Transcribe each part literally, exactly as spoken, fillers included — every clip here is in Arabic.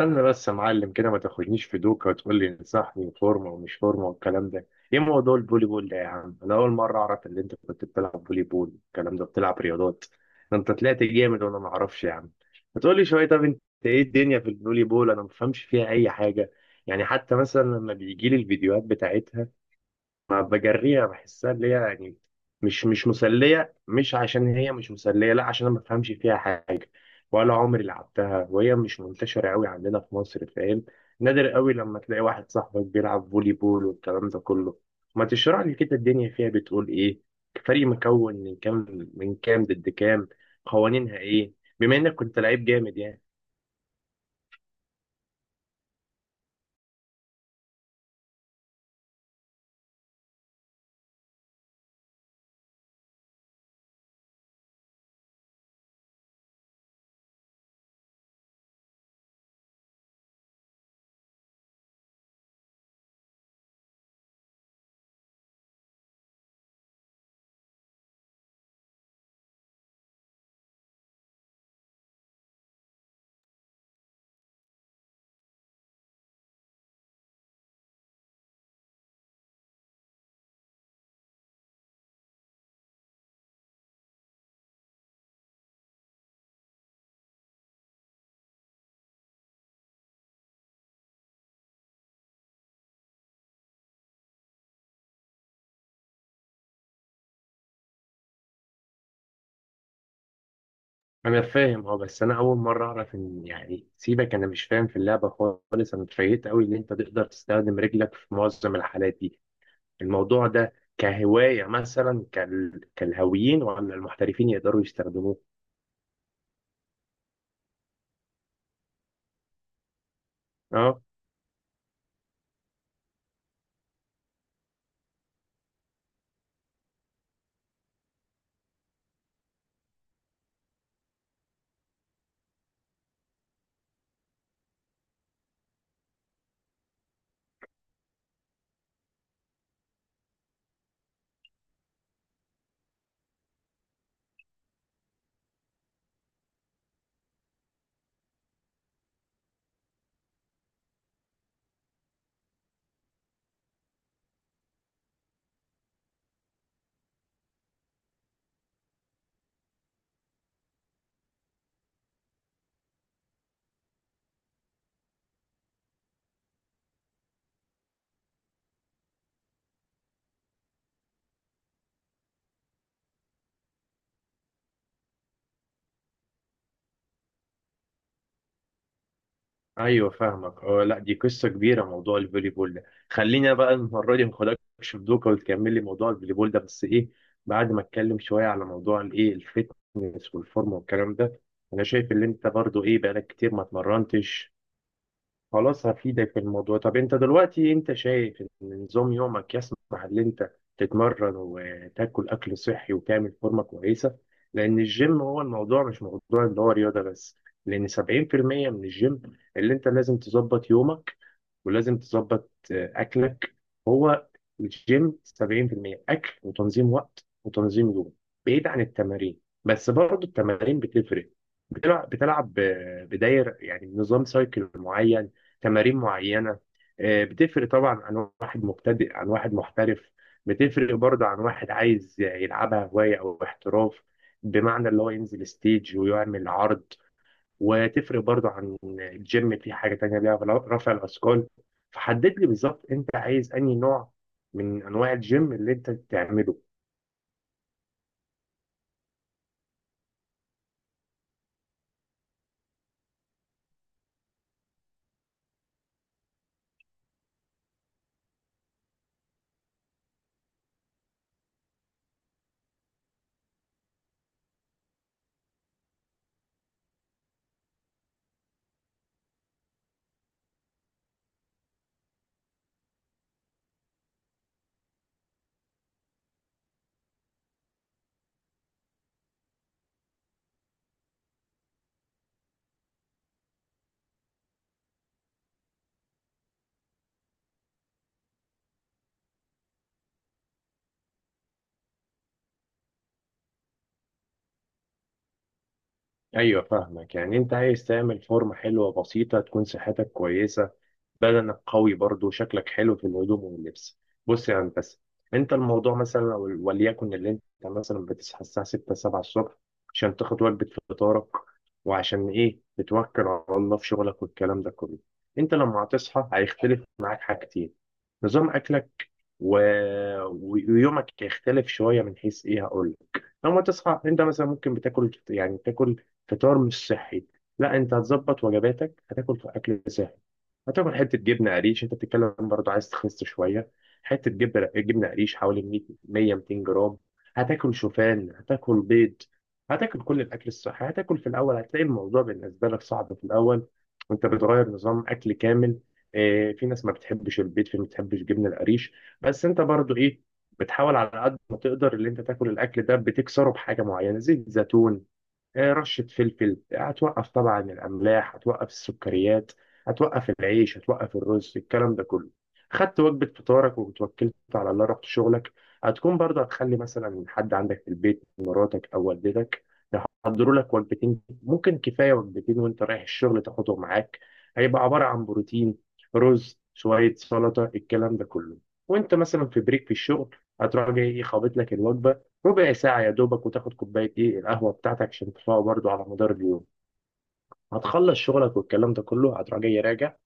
استنى بس يا معلم كده، ما تاخدنيش في دوكا وتقول لي انصحني فورمه ومش فورمه والكلام ده. ايه موضوع البولي بول ده يا عم؟ انا اول مره اعرف ان انت كنت بتلعب بولي بول، الكلام ده بتلعب رياضات، ده انت طلعت جامد وانا ما اعرفش يا عم. هتقول لي شويه، طب انت ايه الدنيا في البولي بول؟ انا ما بفهمش فيها اي حاجه، يعني حتى مثلا لما بيجي لي الفيديوهات بتاعتها ما بجريها، بحسها اللي هي يعني مش مش مسلية، مش عشان هي مش مسلية، لا عشان انا ما بفهمش فيها حاجة ولا عمري لعبتها، وهي مش منتشرة قوي عندنا في مصر فاهم. نادر قوي لما تلاقي واحد صاحبك بيلعب فولي بول والكلام ده كله. ما تشرح لي كده الدنيا فيها بتقول ايه؟ فريق مكون من كام من كام ضد كام؟ قوانينها ايه؟ بما انك كنت لعيب جامد يعني. انا فاهم اه، بس انا اول مره اعرف ان يعني سيبك، انا مش فاهم في اللعبه خالص. انا اتفاجئت قوي ان انت تقدر تستخدم رجلك في معظم الحالات دي، الموضوع ده كهوايه مثلا كال... كالهاويين ولا المحترفين يقدروا يستخدموه؟ اه ايوه فاهمك اه، لا دي قصه كبيره موضوع الفولي بول ده. خلينا بقى المره دي ما اخدكش في دوكا وتكمل لي موضوع الفولي بول ده، بس ايه بعد ما اتكلم شويه على موضوع الايه، الفتنس والفورمه والكلام ده. انا شايف ان انت برضو ايه بقالك كتير ما اتمرنتش، خلاص هفيدك في الموضوع. طب انت دلوقتي انت شايف ان نظام يومك يسمح ان انت تتمرن وتاكل اكل صحي وتعمل فورمه كويسه؟ لان الجيم هو الموضوع مش موضوع اللي هو رياضه بس، لان سبعين بالمية من الجيم اللي انت لازم تظبط يومك، ولازم تظبط آه، اكلك. هو الجيم سبعين بالمية اكل وتنظيم وقت وتنظيم يوم، بعيد عن التمارين. بس برضه التمارين بتفرق، بتلعب بتلعب ب- بداير يعني نظام سايكل معين، تمارين معينه. آه، بتفرق طبعا عن واحد مبتدئ عن واحد محترف، بتفرق برضه عن واحد عايز يلعبها هوايه او احتراف، بمعنى اللي هو ينزل ستيج ويعمل عرض. وتفرق برضو عن الجيم في حاجة تانية ليها، رفع الأثقال. فحدد لي بالظبط أنت عايز أنهي نوع من أنواع الجيم اللي أنت تعمله. أيوة فاهمك، يعني أنت عايز تعمل فورمة حلوة بسيطة، تكون صحتك كويسة، بدنك قوي برضه، شكلك حلو في الهدوم واللبس. بص يا هندسة، انت الموضوع مثلا ول- وليكن اللي انت مثلا بتصحى الساعة ستة سبعة الصبح عشان تاخد وجبة فطارك، وعشان ايه بتوكل على الله في شغلك والكلام ده كله. انت لما هتصحى هيختلف معاك حاجتين، نظام اكلك و... ويومك يختلف شويه. من حيث ايه هقول لك، لما تصحى انت مثلا ممكن بتاكل يعني تاكل فطار مش صحي، لا انت هتظبط وجباتك، هتاكل اكل صحي، هتاكل حته جبنه قريش، انت بتتكلم برضو عايز تخس شويه، حته جبنه جبنه قريش حوالي مية مية ميتين جرام. هتاكل شوفان، هتاكل بيض، هتاكل كل الاكل الصحي، هتاكل في الاول هتلاقي الموضوع بالنسبه لك صعب في الاول وانت بتغير نظام اكل كامل. آه، في ناس ما بتحبش البيض، في ناس ما بتحبش جبنه القريش، بس انت برضو ايه بتحاول على قد ما تقدر اللي انت تاكل الاكل ده بتكسره بحاجه معينه، زيت زيتون، آه، رشة فلفل. هتوقف طبعا الأملاح، هتوقف السكريات، هتوقف العيش، هتوقف الرز، الكلام ده كله. خدت وجبة فطارك وتوكلت على الله، رحت شغلك. هتكون برضه هتخلي مثلا حد عندك في البيت، مراتك أو والدتك، يحضروا لك وجبتين، ممكن كفاية وجبتين، وأنت رايح الشغل تاخدهم معاك، هيبقى عبارة عن بروتين، رز، شوية سلطة، الكلام ده كله. وأنت مثلا في بريك في الشغل هتروح جاي خابط لك الوجبة ربع ساعة يا دوبك، وتاخد كوباية ايه، القهوة بتاعتك عشان تفوق برضو على مدار اليوم. هتخلص شغلك والكلام ده كله، هتروح جاي راجع،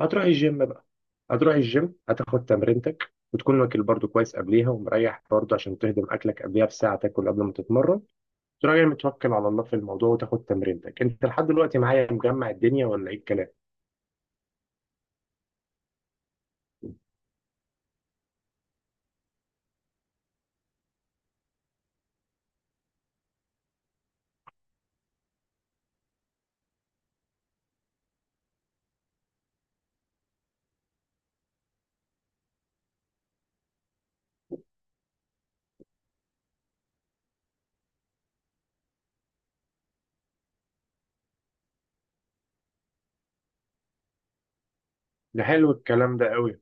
هتروح الجيم بقى. هتروح الجيم هتاخد تمرينتك، وتكون واكل برضو كويس قبليها ومريح برضو، عشان تهضم اكلك قبليها بساعة، تاكل قبل ما تتمرن. تروح جاي متوكل على الله في الموضوع وتاخد تمرينتك. انت لحد دلوقتي معايا مجمع الدنيا ولا ايه الكلام؟ ده حلو الكلام ده قوي.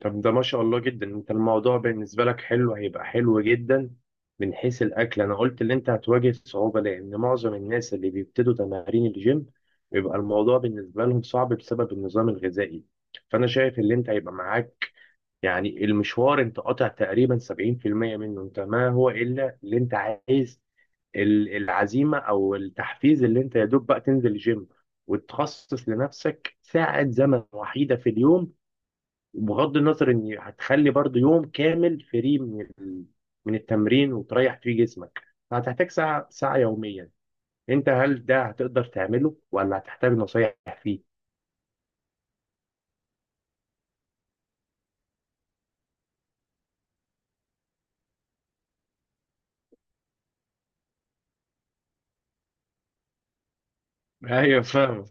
طب ده ما شاء الله جدا، انت الموضوع بالنسبة لك حلو، هيبقى حلو جدا من حيث الأكل. أنا قلت اللي انت هتواجه صعوبة لأن معظم الناس اللي بيبتدوا تمارين الجيم بيبقى الموضوع بالنسبة لهم صعب بسبب النظام الغذائي. فأنا شايف اللي انت هيبقى معاك، يعني المشوار انت قاطع تقريبا سبعين بالمية منه، انت ما هو إلا اللي انت عايز ال- العزيمة أو التحفيز، اللي انت يا دوب بقى تنزل الجيم، وتخصص لنفسك ساعة زمن وحيدة في اليوم. وبغض النظر ان هتخلي برضو يوم كامل فري من ال- من التمرين وتريح فيه جسمك، فهتحتاج ساعة ساعة يوميا. انت هل ده هتقدر تعمله ولا هتحتاج نصايح فيه؟ ايوه فاهم.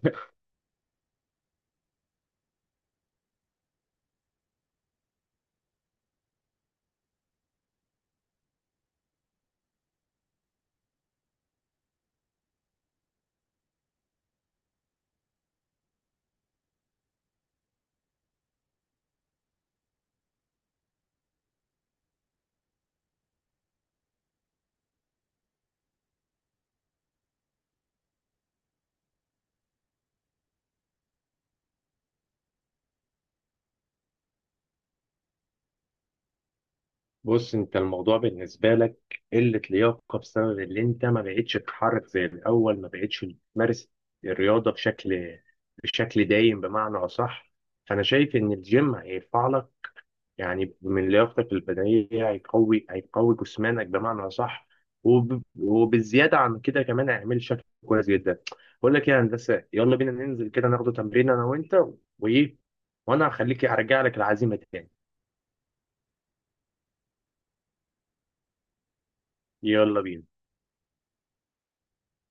بص، انت الموضوع بالنسبة لك قلة لياقة بسبب اللي انت ما بقتش تتحرك زي الاول، ما بقتش تمارس الرياضة بشكل بشكل دايم بمعنى اصح. فانا شايف ان الجيم هيرفع لك يعني من لياقتك البدنية، هيقوي هيقوي جسمانك بمعنى صح، وب... وبالزيادة عن كده كمان هيعمل شكل كويس جدا. بقول لك إيه يا هندسة، يلا بينا ننزل كده ناخده تمرين أنا وأنت وإيه، وأنا هخليك أرجع لك العزيمة تاني. يلا بينا.